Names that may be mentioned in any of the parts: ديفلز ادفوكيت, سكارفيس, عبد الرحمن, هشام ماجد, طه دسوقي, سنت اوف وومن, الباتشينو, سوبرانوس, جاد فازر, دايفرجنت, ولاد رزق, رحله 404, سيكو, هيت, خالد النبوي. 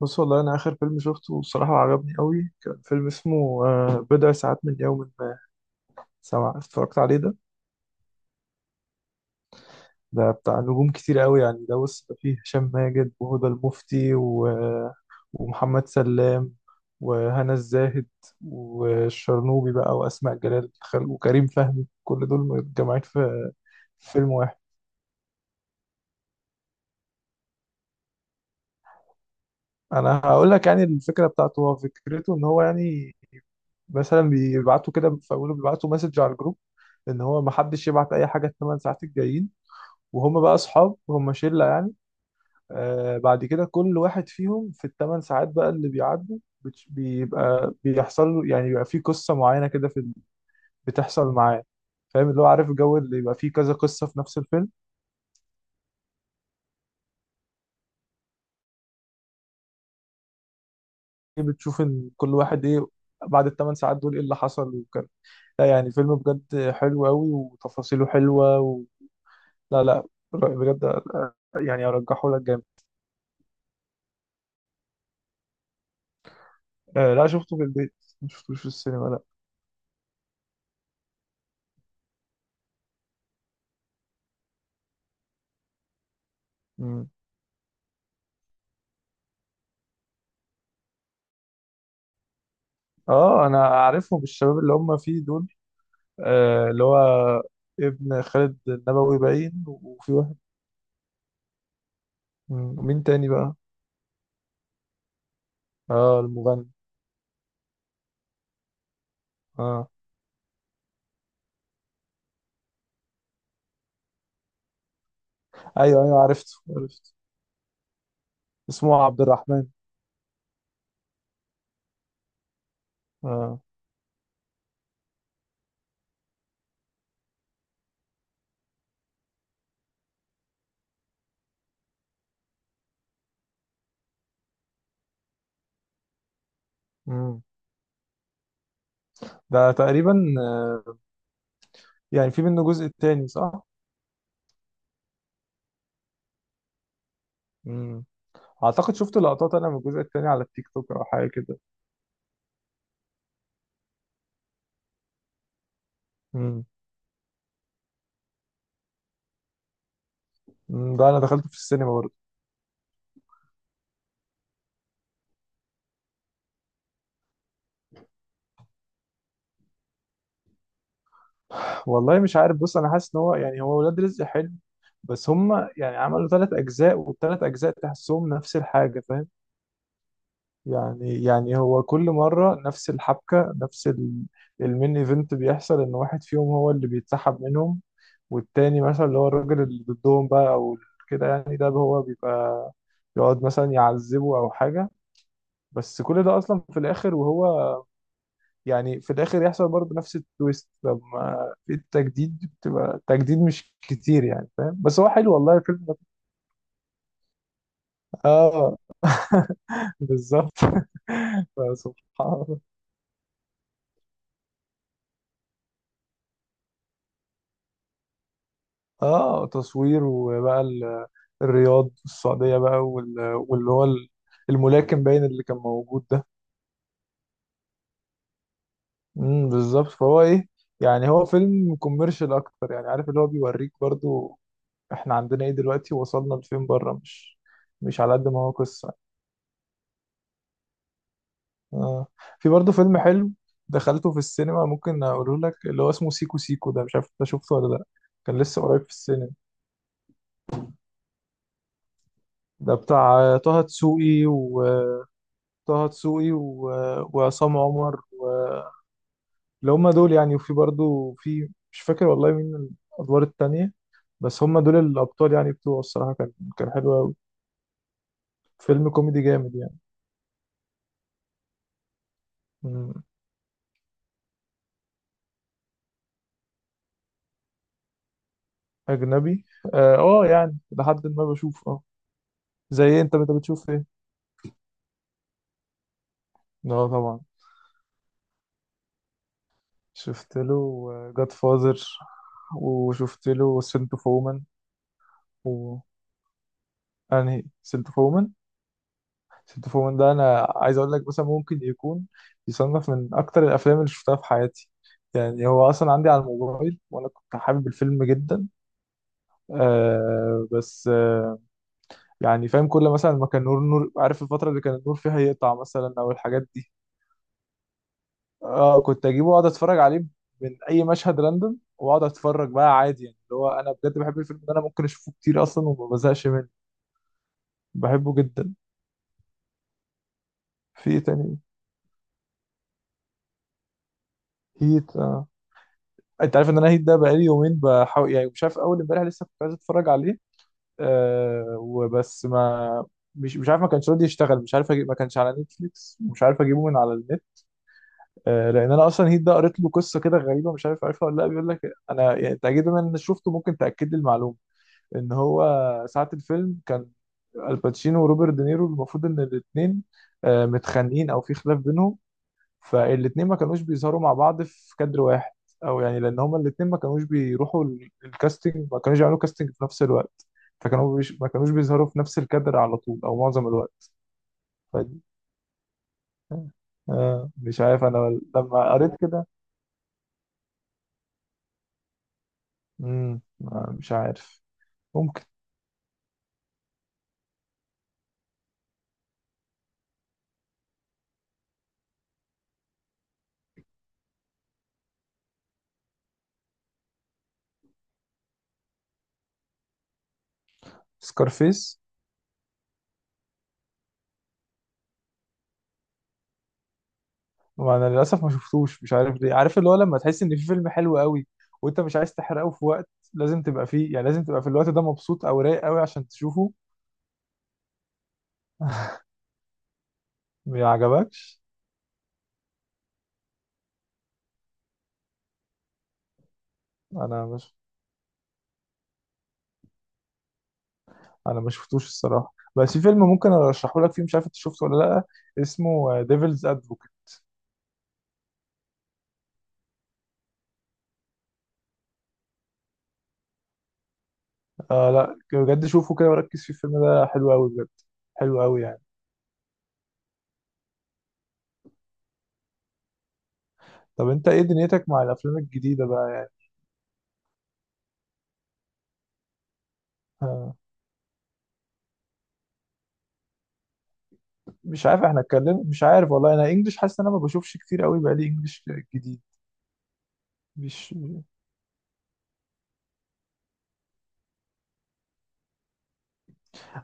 بص، والله انا اخر فيلم شفته بصراحه عجبني قوي. كان فيلم اسمه بضع ساعات من يوم ما سمع. اتفرجت عليه ده؟ ده بتاع نجوم كتير قوي يعني، ده بص ده فيه هشام ماجد وهدى المفتي ومحمد سلام وهنا الزاهد والشرنوبي بقى واسماء جلال وكريم فهمي، كل دول متجمعين في في فيلم واحد. انا هقول لك يعني الفكره بتاعته، هو فكرته ان هو يعني مثلا بيبعتوا كده في اوله، بيبعتوا مسج على الجروب ان هو ما حدش يبعت اي حاجه الثمان ساعات الجايين، وهم بقى اصحاب، هم شله يعني. بعد كده كل واحد فيهم في الثمان ساعات بقى اللي بيعدوا بيبقى بيحصل له، يعني بيبقى فيه قصه معينه كده في بتحصل معاه. فاهم اللي هو؟ عارف الجو اللي يبقى فيه كذا قصه في نفس الفيلم، إيه بتشوف ان كل واحد ايه بعد الثمان ساعات دول ايه اللي حصل وكده. لا يعني فيلم بجد حلو قوي وتفاصيله حلوه، لا لا بجد. يعني ارجحه لك جامد. آه لا شفته في البيت، ما شفتوش في السينما لا. مم. اه انا عارفهم الشباب اللي هم فيه دول. اللي هو ابن خالد النبوي باين، وفي واحد. مم. ومين تاني بقى؟ اه المغني. اه، ايوه ايوه عرفته عرفته. اسمه عبد الرحمن. اه. مم. ده تقريبا يعني في منه جزء تاني صح؟ مم. اعتقد شفت لقطات انا من الجزء التاني على التيك توك او حاجه كده. مم. مم. ده انا دخلته في السينما برضه. والله مش عارف، بص انا حاسس ان هو يعني هو ولاد رزق حلو، بس هم يعني عملوا ثلاث اجزاء والثلاث اجزاء تحسهم نفس الحاجه فاهم. يعني هو كل مره نفس الحبكه، نفس المين ايفنت بيحصل، ان واحد فيهم هو اللي بيتسحب منهم، والتاني مثلا اللي هو الراجل اللي ضدهم بقى او كده يعني، ده هو بيبقى يقعد مثلا يعذبه او حاجه. بس كل ده اصلا في الاخر وهو يعني في الاخر يحصل برضه نفس التويست، لما في التجديد بتبقى التجديد مش كتير يعني فاهم، بس هو حلو والله الفيلم ده. اه. بالظبط. سبحان الله. اه تصوير، وبقى الرياض السعودية بقى واللي هو الملاكم باين اللي كان موجود ده. بالظبط. فهو ايه يعني؟ هو فيلم كوميرشال اكتر يعني، عارف اللي هو بيوريك برضو احنا عندنا ايه دلوقتي، وصلنا لفين بره، مش على قد ما هو قصة. آه. في برضه فيلم حلو دخلته في السينما ممكن اقوله لك، اللي هو اسمه سيكو سيكو، ده مش عارف انت شفته ولا لا. كان لسه قريب في السينما. ده بتاع طه دسوقي، دسوقي و... وعصام عمر، اللي هم دول يعني، وفي برضه في مش فاكر والله مين الادوار التانية، بس هم دول الابطال يعني بتوعه. الصراحة كان حلو قوي. فيلم كوميدي جامد يعني. مم. اجنبي؟ اه يعني لحد ما بشوف اه. زي إيه؟ انت بتشوف ايه؟ اه طبعا. شفت له جاد فازر، وشفت له سنت اوف وومن، و انهي؟ سنت اوف وومن. سنت اوف وومن ده انا عايز اقول لك مثلا ممكن يكون يصنف من اكتر الافلام اللي شفتها في حياتي. يعني هو اصلا عندي على الموبايل، وانا كنت حابب الفيلم جدا. بس يعني فاهم، كل مثلا ما كان نور عارف الفتره اللي كان النور فيها يقطع مثلا او الحاجات دي، اه كنت اجيبه واقعد اتفرج عليه من اي مشهد راندوم، واقعد اتفرج بقى عادي يعني. اللي هو انا بجد بحب الفيلم ده، انا ممكن اشوفه كتير اصلا وما بزهقش منه، بحبه جدا. في ايه تاني؟ هيت آه. انت عارف ان انا هيت ده بقالي يومين بحاول، يعني مش عارف، اول امبارح لسه كنت عايز اتفرج عليه. وبس ما مش عارف ما كانش راضي يشتغل، مش عارف أجيب، ما كانش على نتفليكس ومش عارف اجيبه من على النت. آه لان انا اصلا هيت ده قريت له قصه كده غريبه، مش عارف عارفها ولا لا، بيقول لك انا يعني، انت اكيد بما ان شفته ممكن تاكد لي المعلومه، ان هو ساعة الفيلم كان الباتشينو وروبرت دينيرو المفروض ان الاثنين متخانقين او في خلاف بينهم، فالاثنين ما كانوش بيظهروا مع بعض في كادر واحد، او يعني لان هما الاثنين ما كانوش بيروحوا الكاستنج، ما كانوش يعملوا كاستنج في نفس الوقت، فكانوا ما كانوش بيظهروا في نفس الكادر على طول او معظم الوقت. فدي آه مش عارف انا لما قريت كده. مم. مش عارف، ممكن. سكارفيس. وانا للاسف ما شفتوش، مش عارف ليه، عارف اللي هو لما تحس ان في فيلم حلو قوي وانت مش عايز تحرقه، في وقت لازم تبقى فيه يعني، لازم تبقى في الوقت ده مبسوط او رايق قوي عشان تشوفه. ما عجبكش. انا مش انا ما شفتوش الصراحه، بس في فيلم ممكن ارشحه لك فيه، مش عارف انت شفته ولا لا، اسمه ديفلز ادفوكيت. آه لا بجد شوفه كده وركز فيه، الفيلم ده حلو قوي بجد، حلو قوي يعني. طب انت ايه دنيتك مع الافلام الجديده بقى يعني؟ آه مش عارف، احنا اتكلم مش عارف والله، انا انجلش حاسس ان انا ما بشوفش كتير قوي بقى لي انجلش جديد. مش.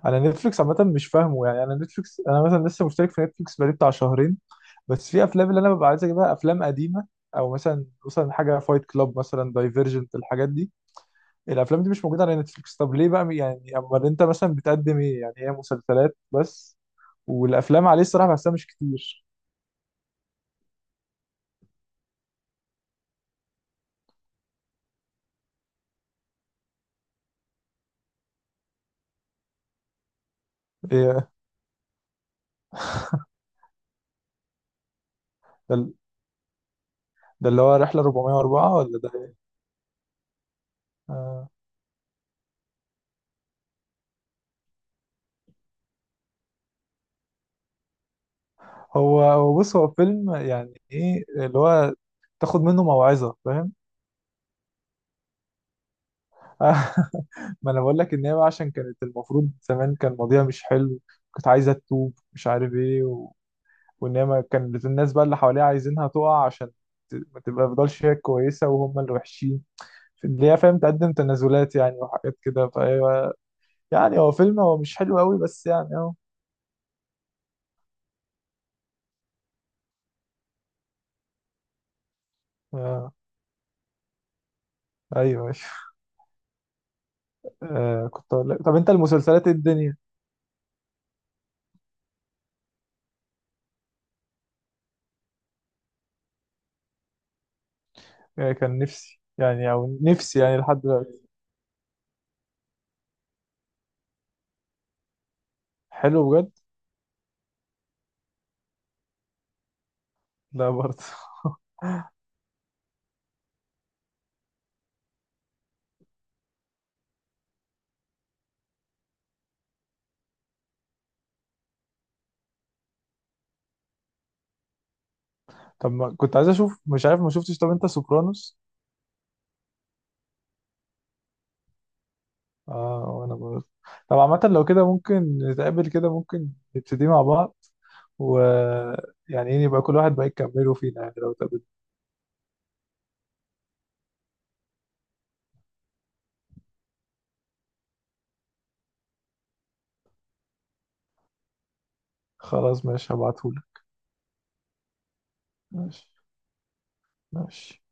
انا نتفليكس عامه مش فاهمه يعني، انا نتفليكس، انا مثلا لسه مشترك في نتفليكس بقالي بتاع شهرين، بس في افلام اللي انا ببقى عايز اجيبها افلام قديمه، او مثلا حاجه فايت كلاب مثلا، دايفرجنت، الحاجات دي، الافلام دي مش موجوده على نتفليكس. طب ليه بقى يعني، امال انت مثلا بتقدم ايه يعني؟ هي مسلسلات بس، والافلام عليه الصراحه بحسها مش كتير. إيه ده, ده اللي هو رحله 404 ولا ده إيه؟ آه، هو بص هو فيلم يعني ايه اللي هو تاخد منه موعظه فاهم. ما انا بقول لك ان هي بقى عشان كانت المفروض زمان كان ماضيها مش حلو، كانت عايزه تتوب مش عارف ايه وان هي ما كانت الناس بقى اللي حواليها عايزينها تقع عشان ما تبقى تفضلش هي كويسه وهم اللي وحشين، اللي هي فاهم تقدم تنازلات يعني وحاجات كده فايوه. يعني هو فيلم هو مش حلو قوي بس يعني اهو. آه. ايوه ايوه. آه. كنت اقول لك، طب انت المسلسلات إيه الدنيا؟ آه. كان نفسي يعني، او نفسي يعني لحد دلوقتي. حلو بجد. لا برضه. طب ما كنت عايز اشوف، مش عارف ما شفتش، طب انت سوبرانوس؟ اه وانا برضه. طب عامة لو كده ممكن نتقابل كده، ممكن نبتدي مع بعض، و يعني ايه، يبقى كل واحد بقى يكمله فينا يعني لو تقابل. خلاص ماشي هبعتهولك. ماشي ماشي.